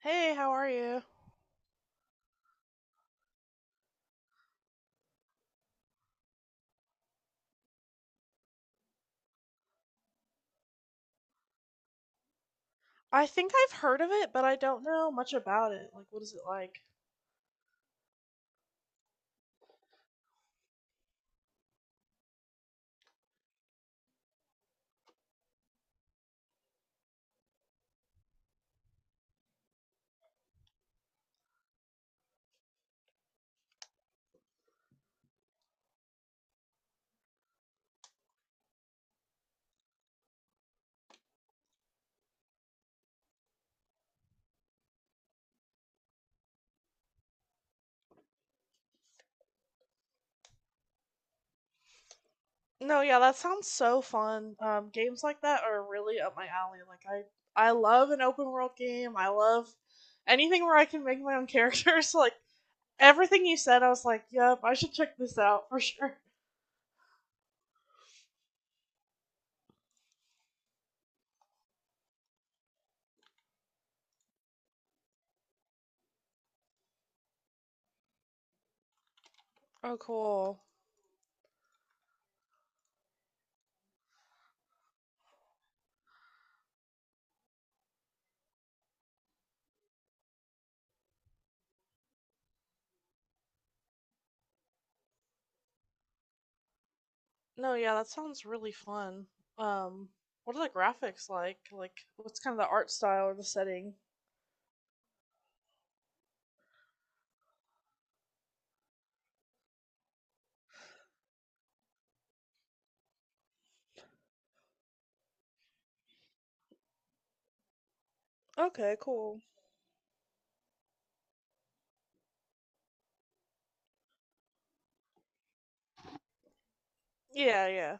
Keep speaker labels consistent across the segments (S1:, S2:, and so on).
S1: Hey, how are you? I think I've heard of it, but I don't know much about it. Like, what is it like? No, yeah, that sounds so fun. Games like that are really up my alley. I love an open world game. I love anything where I can make my own characters. Like, everything you said, I was like, yep, I should check this out for sure. Oh, cool. No, yeah, that sounds really fun. Um, what are the graphics like? Like, what's kind of the art style or the setting? Okay, cool. Yeah, yeah.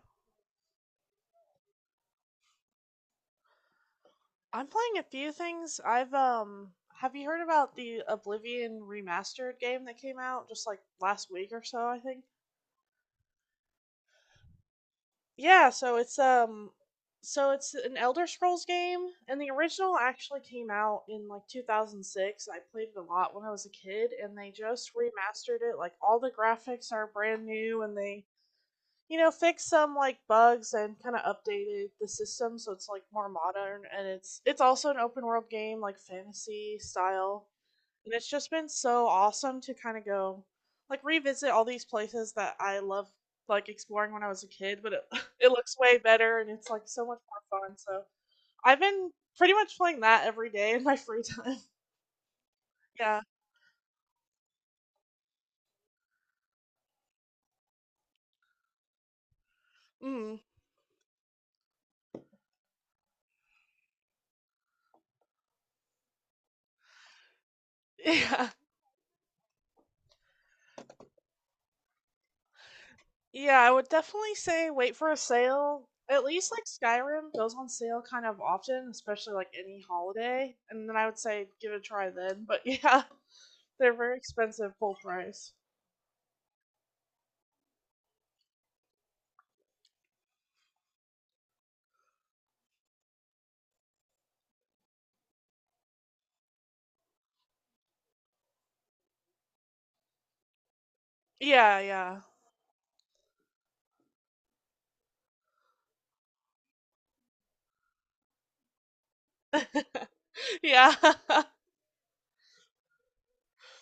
S1: I'm playing a few things. I've have you heard about the Oblivion remastered game that came out just like last week or so, I think? Yeah, so it's an Elder Scrolls game and the original actually came out in like 2006. I played it a lot when I was a kid and they just remastered it. Like all the graphics are brand new and they, you know, fixed some like bugs and kind of updated the system so it's like more modern and it's also an open world game like fantasy style. And it's just been so awesome to kind of go like revisit all these places that I love like exploring when I was a kid, but it, it looks way better and it's like so much more fun. So I've been pretty much playing that every day in my free time. Yeah. Mm. Yeah. Yeah, I would definitely say wait for a sale. At least like Skyrim goes on sale kind of often, especially like any holiday. And then I would say give it a try then. But yeah, they're very expensive full price. Yeah, yeah. Yeah,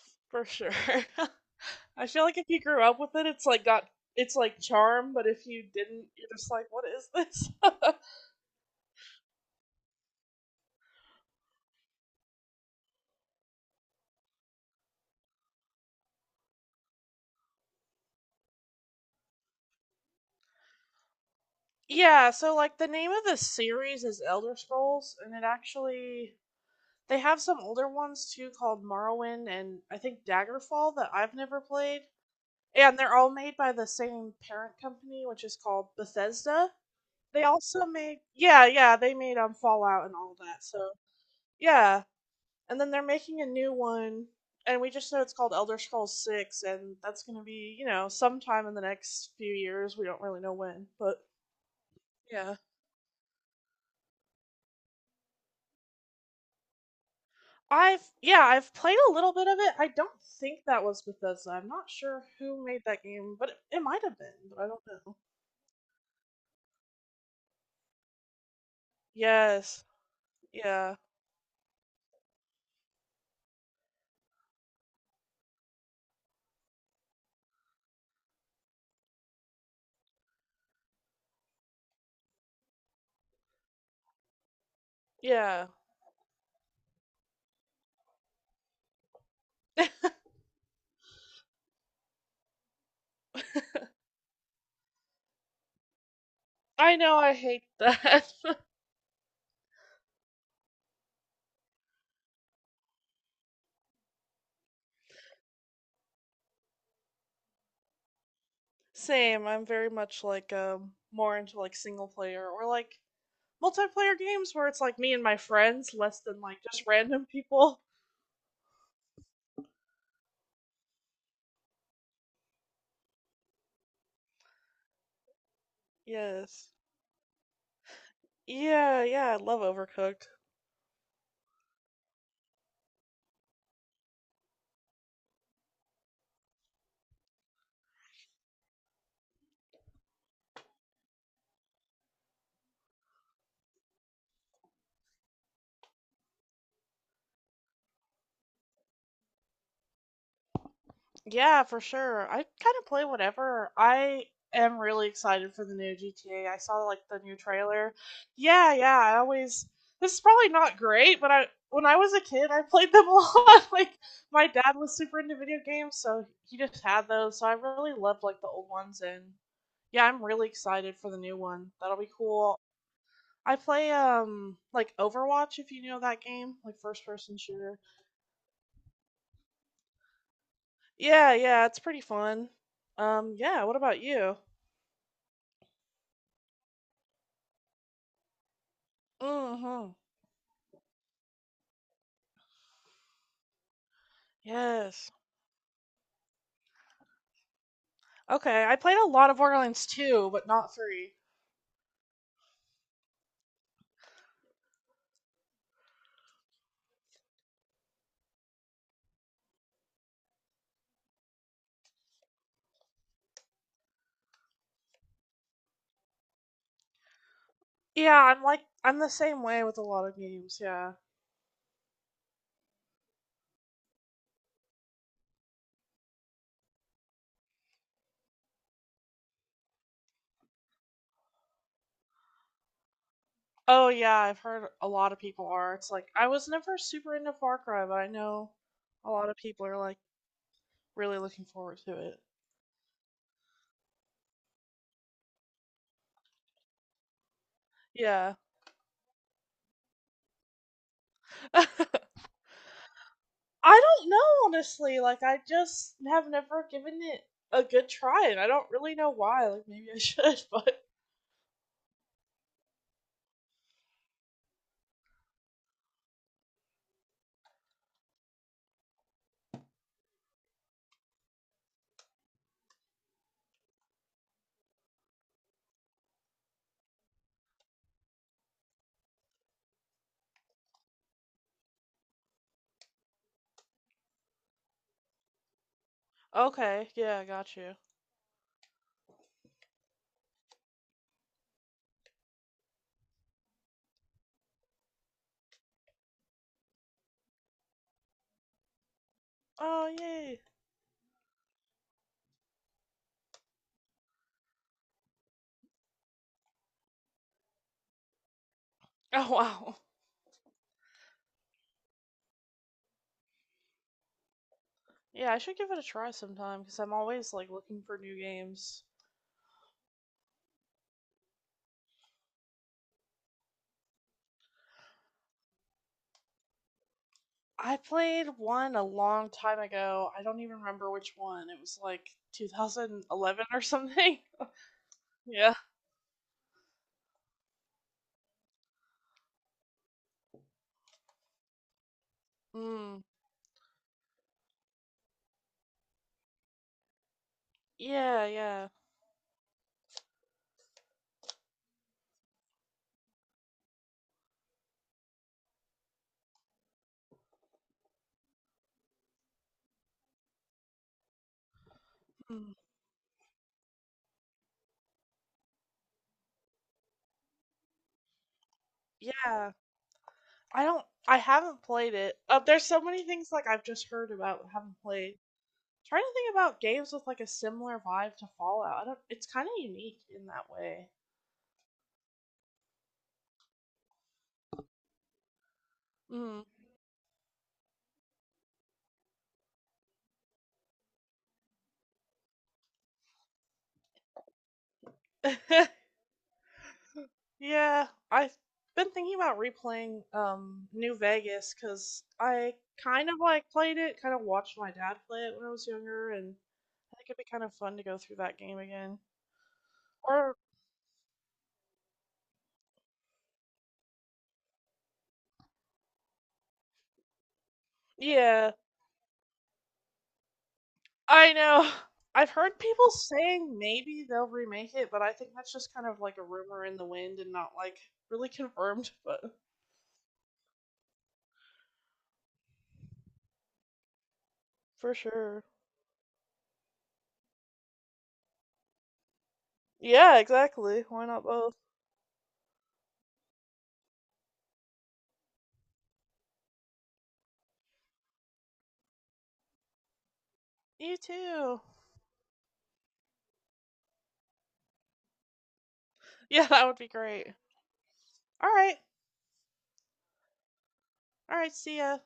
S1: for sure. I feel like if you grew up with it, it's like got it's like charm, but if you didn't, you're just like, what is this? Yeah, so like the name of the series is Elder Scrolls, and it actually, they have some older ones too called Morrowind and I think Daggerfall that I've never played. And they're all made by the same parent company, which is called Bethesda. They also made, yeah, yeah, they made Fallout and all that. So yeah. And then they're making a new one and we just know it's called Elder Scrolls Six and that's gonna be, you know, sometime in the next few years. We don't really know when, but yeah. I've, yeah, I've played a little bit of it. I don't think that was Bethesda. I'm not sure who made that game, but it might have been, but I don't know. Yes. Yeah. Yeah. I know I hate that. Same. I'm very much like more into like single player or like multiplayer games where it's like me and my friends less than like just random people. Yes. Yeah, yeah, I love Overcooked. Yeah, for sure. I kind of play whatever. I am really excited for the new GTA. I saw like the new trailer. Yeah, yeah. I always, this is probably not great, but I when I was a kid, I played them a lot. Like my dad was super into video games, so he just had those. So I really loved like the old ones and yeah, I'm really excited for the new one. That'll be cool. I play like Overwatch if you know that game, like first person shooter. Yeah, yeah, it's pretty fun. Um, yeah, what about you? Hmm. Yes. Okay, I played a lot of Borderlands 2, but not 3. Yeah, I'm like I'm the same way with a lot of games, yeah. Oh yeah, I've heard a lot of people are. It's like I was never super into Far Cry, but I know a lot of people are like really looking forward to it. Yeah. I don't know honestly, like I just have never given it a good try and I don't really know why. Like maybe I should, but okay, yeah, I got you. Oh yay. Oh wow. Yeah, I should give it a try sometime because I'm always like looking for new games. I played one a long time ago. I don't even remember which one. It was like 2011 or something. Yeah. Mm. Yeah, yeah. Mm. Yeah. I don't I haven't played it. There's so many things like I've just heard about but haven't played. Trying to think about games with like a similar vibe to Fallout. I don't it's kind of unique in that way. Mm. Yeah, I've been thinking about replaying New Vegas because I kind of like played it, kind of watched my dad play it when I was younger, and I think it'd be kind of fun to go through that game again. Or yeah, I know. I've heard people saying maybe they'll remake it, but I think that's just kind of like a rumor in the wind and not like really confirmed, but for sure. Yeah, exactly. Why not both? You too. Yeah, that would be great. All right. All right, see ya.